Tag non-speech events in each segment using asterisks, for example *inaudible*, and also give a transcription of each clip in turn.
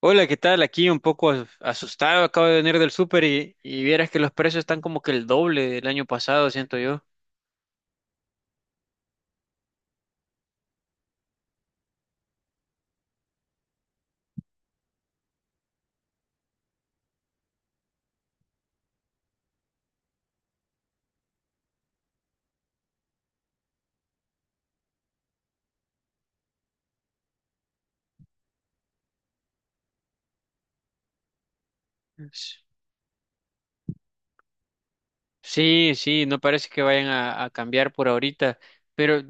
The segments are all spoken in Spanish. Hola, ¿qué tal? Aquí un poco asustado, acabo de venir del súper y vieras que los precios están como que el doble del año pasado, siento yo. S- Sí, sí, no parece que vayan a cambiar por ahorita, pero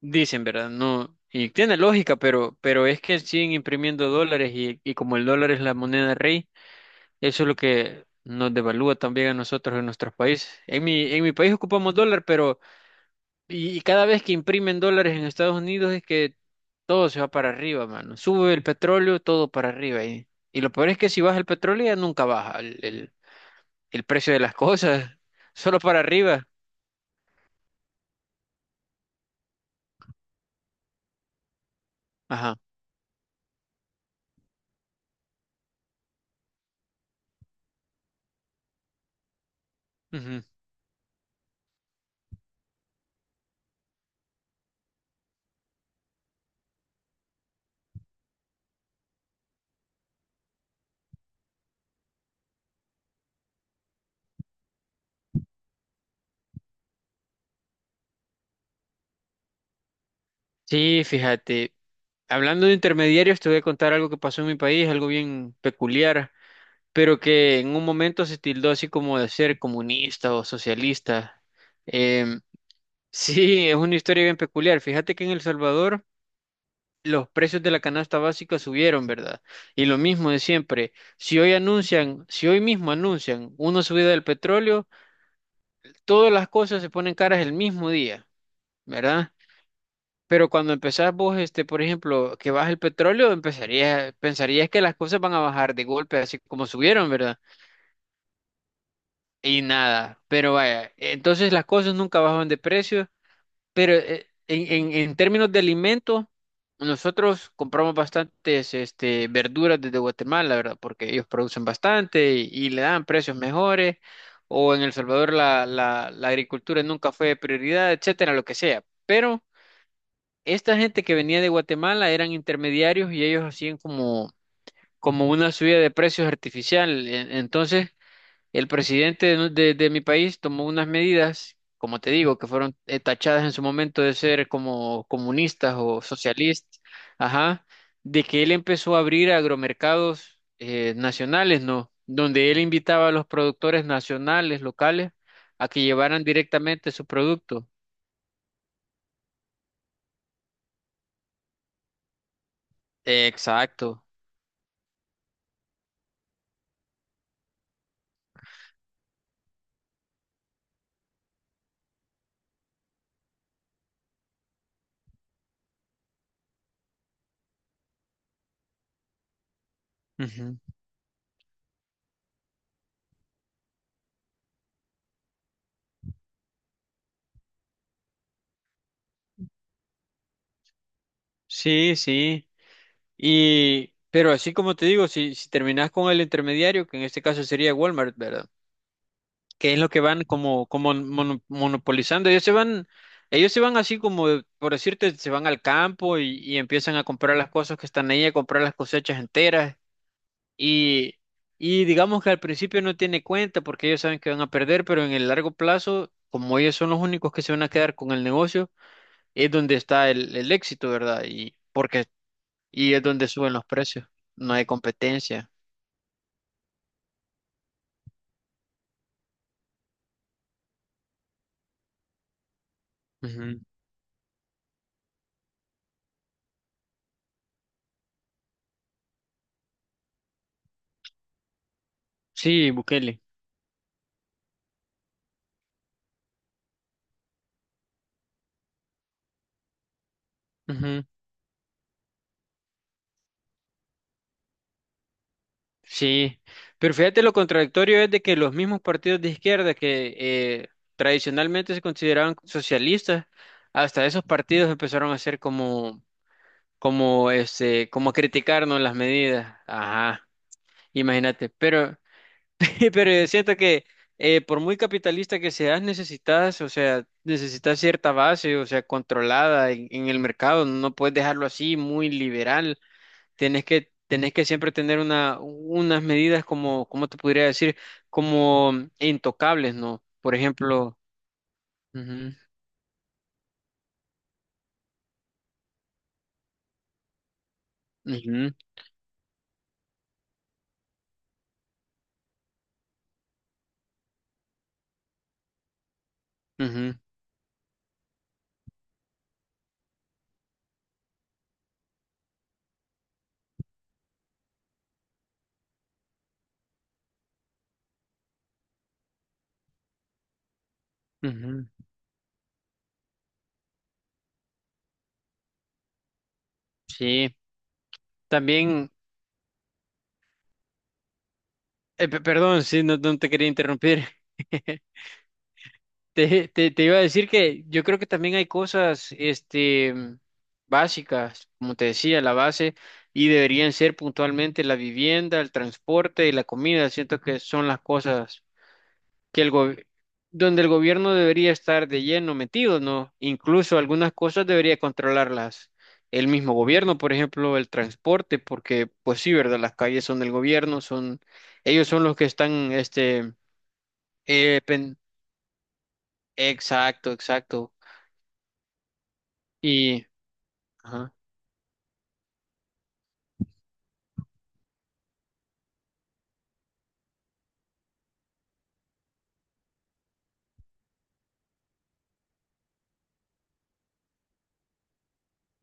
dicen, ¿verdad? No, y tiene lógica, pero es que siguen imprimiendo dólares y como el dólar es la moneda rey, eso es lo que nos devalúa también a nosotros en nuestros países. En mi país ocupamos dólar, pero y cada vez que imprimen dólares en Estados Unidos es que todo se va para arriba, mano. Sube el petróleo, todo para arriba. Y lo peor es que si baja el petróleo ya nunca baja el el precio de las cosas, *laughs* solo para arriba. Ajá. Ujú. Sí, fíjate. Hablando de intermediarios, te voy a contar algo que pasó en mi país, algo bien peculiar, pero que en un momento se tildó así como de ser comunista o socialista. Em, *laughs* sí, es una historia bien peculiar. Fíjate que en El Salvador, los precios de la canasta básica subieron, ¿verdad? Y lo mismo de siempre, si hoy anuncian, si hoy mismo anuncian una subida del petróleo, todas las cosas se ponen caras el mismo día, ¿verdad? Pero cuando empezás vos, este, por ejemplo, que baja el petróleo, empezarías, pensarías que las cosas van a bajar de golpe, así como subieron, ¿verdad? Y nada, pero vaya, entonces las cosas nunca bajan de precio. Pero en en términos de alimentos, nosotros compramos bastantes este, verduras desde Guatemala, ¿verdad? Porque ellos producen bastante y le dan precios mejores. O en El Salvador la agricultura nunca fue prioridad, etcétera, lo que sea. Pero esta gente que venía de Guatemala eran intermediarios y ellos hacían como, como una subida de precios artificial. Entonces, el presidente de mi país tomó unas medidas, como te digo, que fueron tachadas en su momento de ser como comunistas o socialistas, ajá, de que él empezó a abrir agromercados nacionales, ¿no? Donde él invitaba a los productores nacionales, locales, a que llevaran directamente su producto. Exacto. Ujú. Sí, sí. Y, pero así como te digo, si, si terminás con el intermediario, que en este caso sería Walmart, ¿verdad? Que es lo que van como, como monopolizando. Ellos se van así como, por decirte, se van al campo y empiezan a comprar las cosas que están ahí, a comprar las cosechas enteras. Y, y digamos que al principio no tiene cuenta porque ellos saben que van a perder, pero en el largo plazo, como ellos son los únicos que se van a quedar con el negocio, es donde está el éxito, ¿verdad? Y porque y es donde suben los precios. No hay competencia. Ujú. Sí, Bukele. Ujú. Sí, pero fíjate lo contradictorio es de que los mismos partidos de izquierda que tradicionalmente se consideraban socialistas, hasta esos partidos empezaron a hacer como, como este, como a criticarnos las medidas. Ajá, imagínate. Pero, *laughs* pero yo siento que por muy capitalista que seas, necesitas, o sea, necesitas cierta base, o sea, controlada en el mercado. No puedes dejarlo así muy liberal. Tenés que siempre tener una, unas medidas como, ¿cómo te podría decir? Como intocables, ¿no? Por ejemplo, ujú, ujú, ujú, ujú. Sí, también, perdón, sí, no, no te quería interrumpir. *laughs* Te iba a decir que yo creo que también hay cosas, este, básicas, como te decía, la base, y deberían ser puntualmente la vivienda, el transporte y la comida. Siento que son las cosas que el donde el gobierno debería estar de lleno metido, ¿no? Incluso algunas cosas debería controlarlas el mismo gobierno, por ejemplo, el transporte, porque pues sí, ¿verdad? Las calles son del gobierno, son ellos son los que están, este, eh, pen- exacto, exacto. Y, ajá,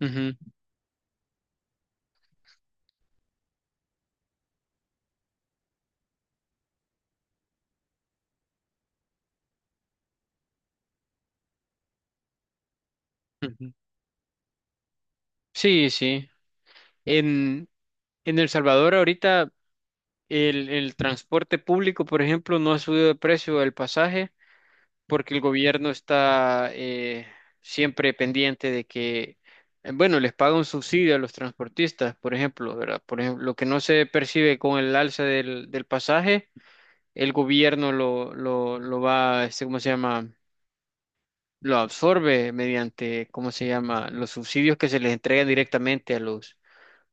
ujú, ujú. Sí, sí. En, en El Salvador ahorita el transporte público, por ejemplo, no ha subido de precio el pasaje, porque el gobierno está siempre pendiente de que, bueno, les paga un subsidio a los transportistas, por ejemplo, ¿verdad? Por ejemplo, lo que no se percibe con el alza del pasaje, el gobierno lo va, este, ¿cómo se llama? Lo absorbe mediante, ¿cómo se llama? Los subsidios que se les entregan directamente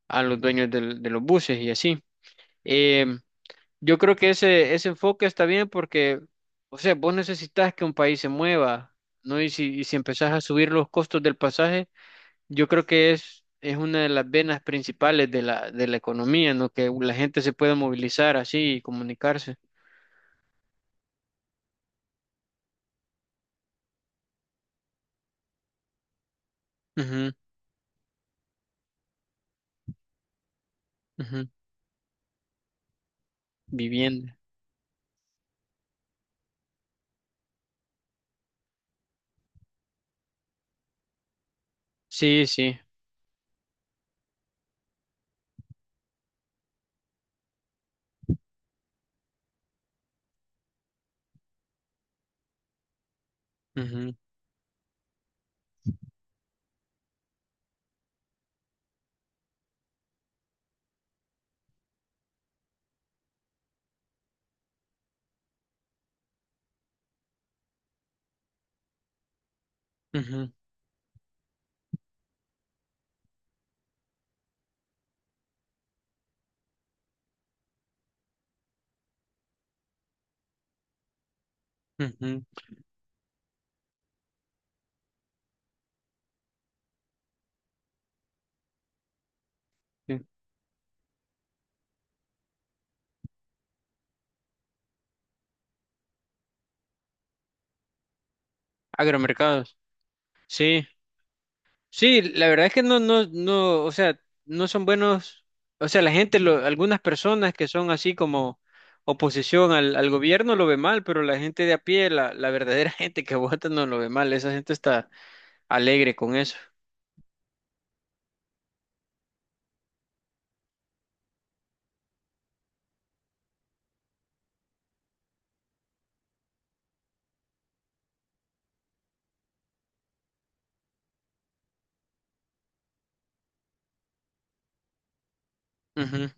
a los dueños de los buses y así. Em, yo creo que ese enfoque está bien porque, o sea, vos necesitas que un país se mueva, ¿no? Y si empezás a subir los costos del pasaje, yo creo que es una de las venas principales de la economía, ¿no? Que la gente se pueda movilizar así y comunicarse. Ujú, ujú. Vivienda. Sí, sí. Ujú, ujú, ujú, sí. Agromercados. Sí. Sí, la verdad es que no, no, no, o sea, no son buenos, o sea, la gente, lo- algunas personas que son así como oposición al, al gobierno lo ve mal, pero la gente de a pie, la verdadera *laughs* gente que vota no lo ve mal, esa gente está alegre con eso. Ujú.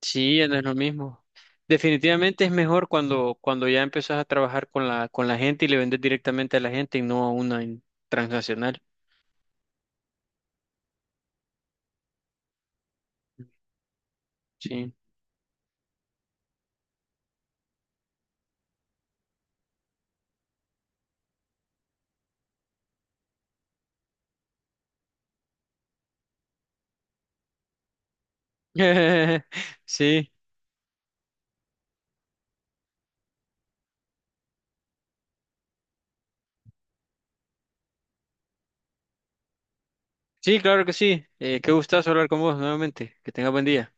Sí, ya no es lo mismo. Definitivamente es mejor cuando, cuando ya empezás a trabajar con la gente y le vendes directamente a la gente y no a una transnacional. Sí. *laughs* Sí. Sí, claro que sí. Qué gustazo hablar con vos nuevamente. Que tengas buen día.